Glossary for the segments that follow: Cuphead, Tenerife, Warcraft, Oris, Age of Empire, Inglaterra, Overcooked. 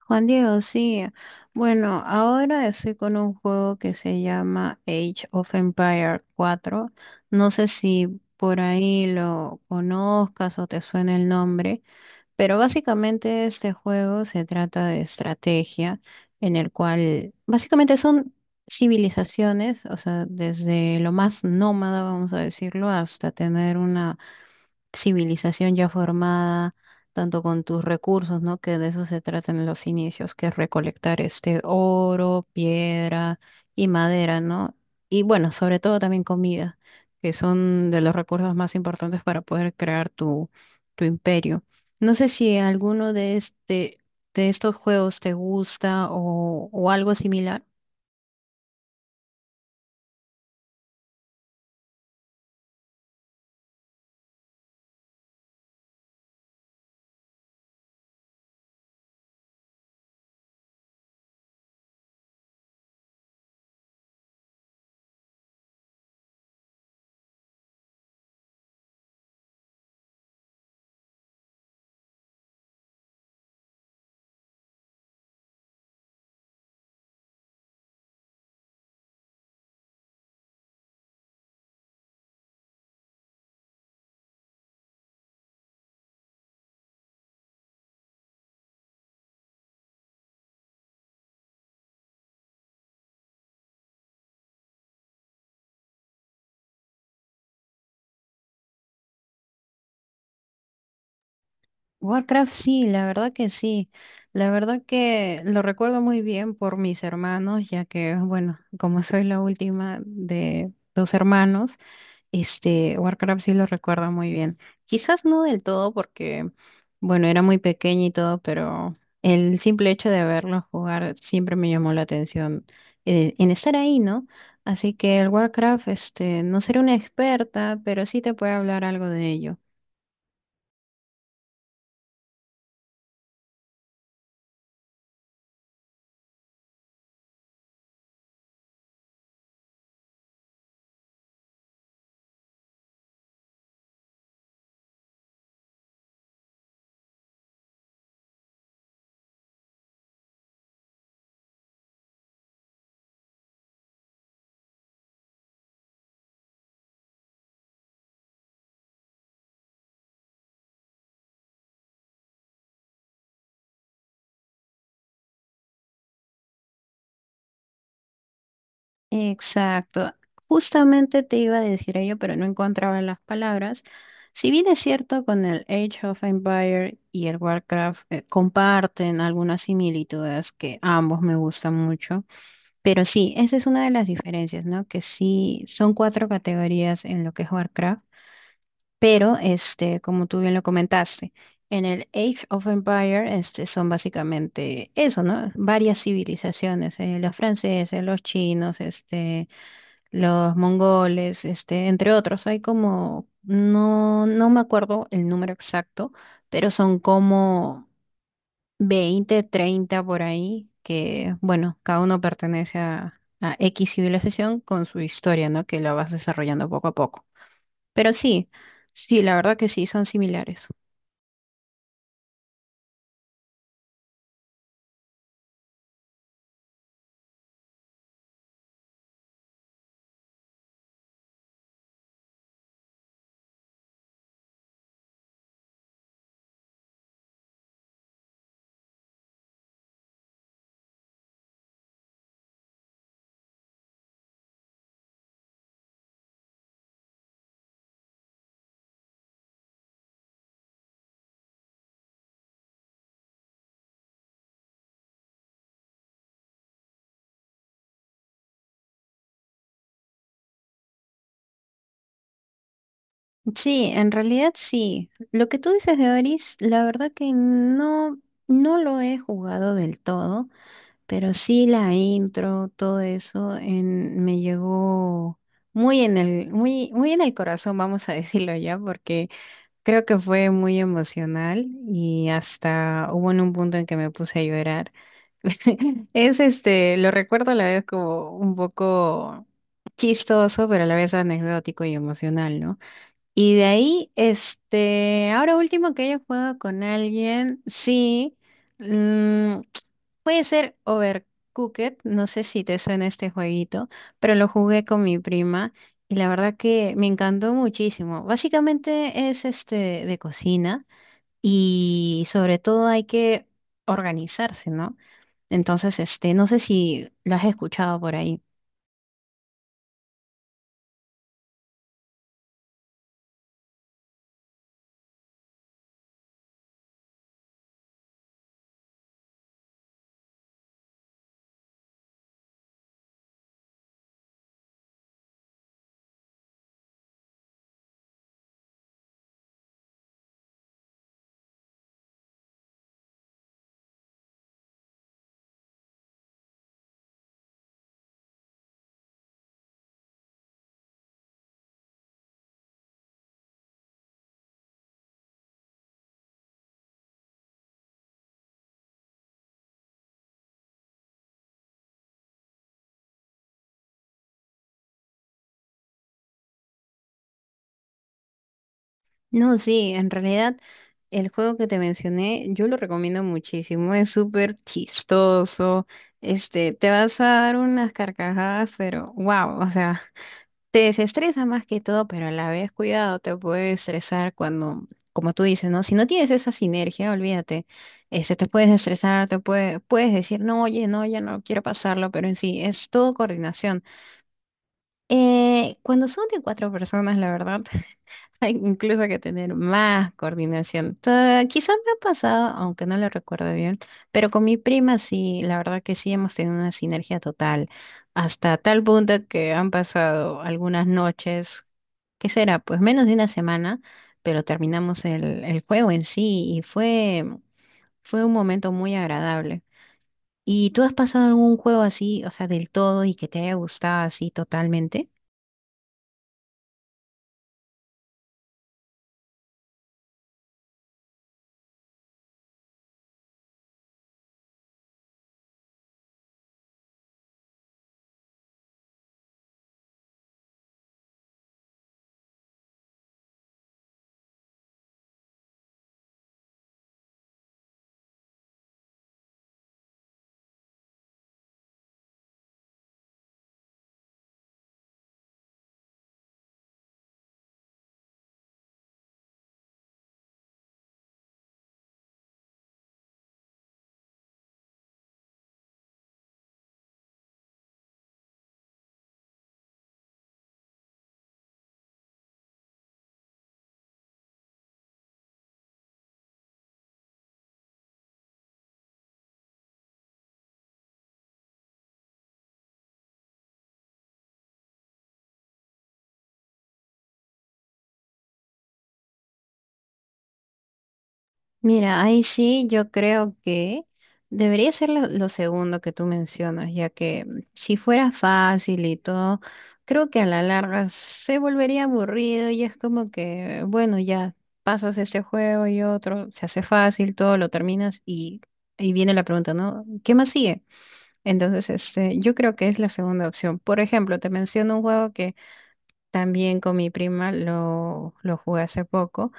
Juan Diego, sí. Bueno, ahora estoy con un juego que se llama Age of Empire 4. No sé si por ahí lo conozcas o te suena el nombre, pero básicamente este juego se trata de estrategia en el cual básicamente son civilizaciones, o sea, desde lo más nómada, vamos a decirlo, hasta tener una civilización ya formada, tanto con tus recursos, ¿no? Que de eso se trata en los inicios, que es recolectar este oro, piedra y madera, ¿no? Y bueno, sobre todo también comida, que son de los recursos más importantes para poder crear tu imperio. No sé si alguno de estos juegos te gusta o algo similar. Warcraft sí, la verdad que sí. La verdad que lo recuerdo muy bien por mis hermanos, ya que, bueno, como soy la última de dos hermanos, este, Warcraft sí lo recuerdo muy bien. Quizás no del todo porque, bueno, era muy pequeña y todo, pero el simple hecho de verlo jugar siempre me llamó la atención en estar ahí, ¿no? Así que el Warcraft, este, no seré una experta, pero sí te puedo hablar algo de ello. Exacto. Justamente te iba a decir ello, pero no encontraba las palabras. Si bien es cierto, con el Age of Empire y el Warcraft comparten algunas similitudes que ambos me gustan mucho, pero sí, esa es una de las diferencias, ¿no? Que sí, son cuatro categorías en lo que es Warcraft, pero este, como tú bien lo comentaste, en el Age of Empire este, son básicamente eso, ¿no? Varias civilizaciones, los franceses, los chinos, este los mongoles, este, entre otros. Hay como, no, no me acuerdo el número exacto, pero son como 20, 30 por ahí, que bueno, cada uno pertenece a X civilización con su historia, ¿no? Que la vas desarrollando poco a poco. Pero sí, sí, la verdad que sí, son similares. Sí, en realidad sí. Lo que tú dices de Oris, la verdad que no, no lo he jugado del todo. Pero sí la intro, todo eso me llegó muy, muy en el corazón, vamos a decirlo ya, porque creo que fue muy emocional y hasta hubo en un punto en que me puse a llorar. Es este, lo recuerdo a la vez como un poco chistoso, pero a la vez anecdótico y emocional, ¿no? Y de ahí, este, ahora último que haya jugado con alguien, sí. mm, Puede ser Overcooked, no sé si te suena este jueguito, pero lo jugué con mi prima y la verdad que me encantó muchísimo. Básicamente es este de cocina y sobre todo hay que organizarse, ¿no? Entonces, este, no sé si lo has escuchado por ahí. No, sí, en realidad el juego que te mencioné yo lo recomiendo muchísimo, es súper chistoso, este, te vas a dar unas carcajadas, pero wow, o sea. Te desestresa más que todo, pero a la vez, cuidado, te puede estresar cuando, como tú dices, ¿no? Si no tienes esa sinergia, olvídate, este, te puedes estresar, puedes decir, no, oye, no, ya no quiero pasarlo, pero en sí, es todo coordinación. Cuando son de cuatro personas, la verdad, hay incluso que tener más coordinación. Quizás me ha pasado, aunque no lo recuerdo bien, pero con mi prima sí, la verdad que sí hemos tenido una sinergia total, hasta tal punto que han pasado algunas noches, ¿qué será? Pues menos de una semana, pero terminamos el juego en sí y fue un momento muy agradable. ¿Y tú has pasado algún juego así, o sea, del todo y que te haya gustado así totalmente? Mira, ahí sí yo creo que debería ser lo segundo que tú mencionas, ya que si fuera fácil y todo, creo que a la larga se volvería aburrido y es como que, bueno, ya pasas este juego y otro, se hace fácil, todo lo terminas y viene la pregunta, ¿no? ¿Qué más sigue? Entonces, este, yo creo que es la segunda opción. Por ejemplo, te menciono un juego que también con mi prima lo jugué hace poco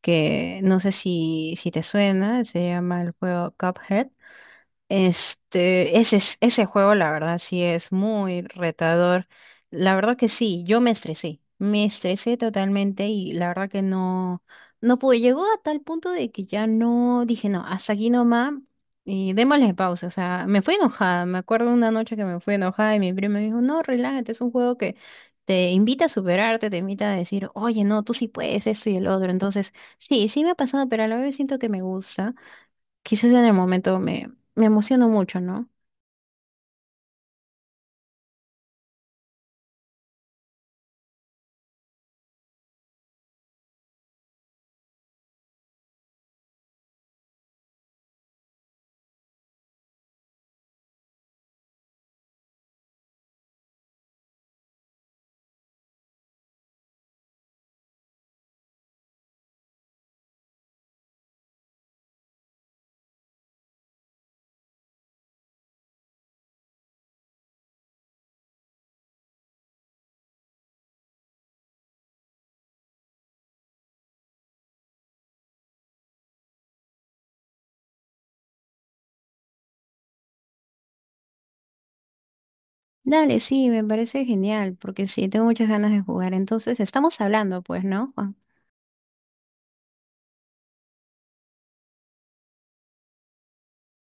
que no sé si te suena, se llama el juego Cuphead. Este, ese juego, la verdad, sí es muy retador. La verdad que sí, yo me estresé totalmente y la verdad que no, no pude. Llegó a tal punto de que ya no dije, no, hasta aquí nomás y démosle pausa. O sea, me fui enojada. Me acuerdo una noche que me fui enojada y mi primo me dijo, no, relájate, es un juego que te invita a superarte, te invita a decir, oye, no, tú sí puedes esto y el otro. Entonces, sí, sí me ha pasado, pero a la vez siento que me gusta quizás en el momento me emociono mucho, ¿no? Dale, sí, me parece genial, porque sí, tengo muchas ganas de jugar. Entonces, estamos hablando, pues, ¿no,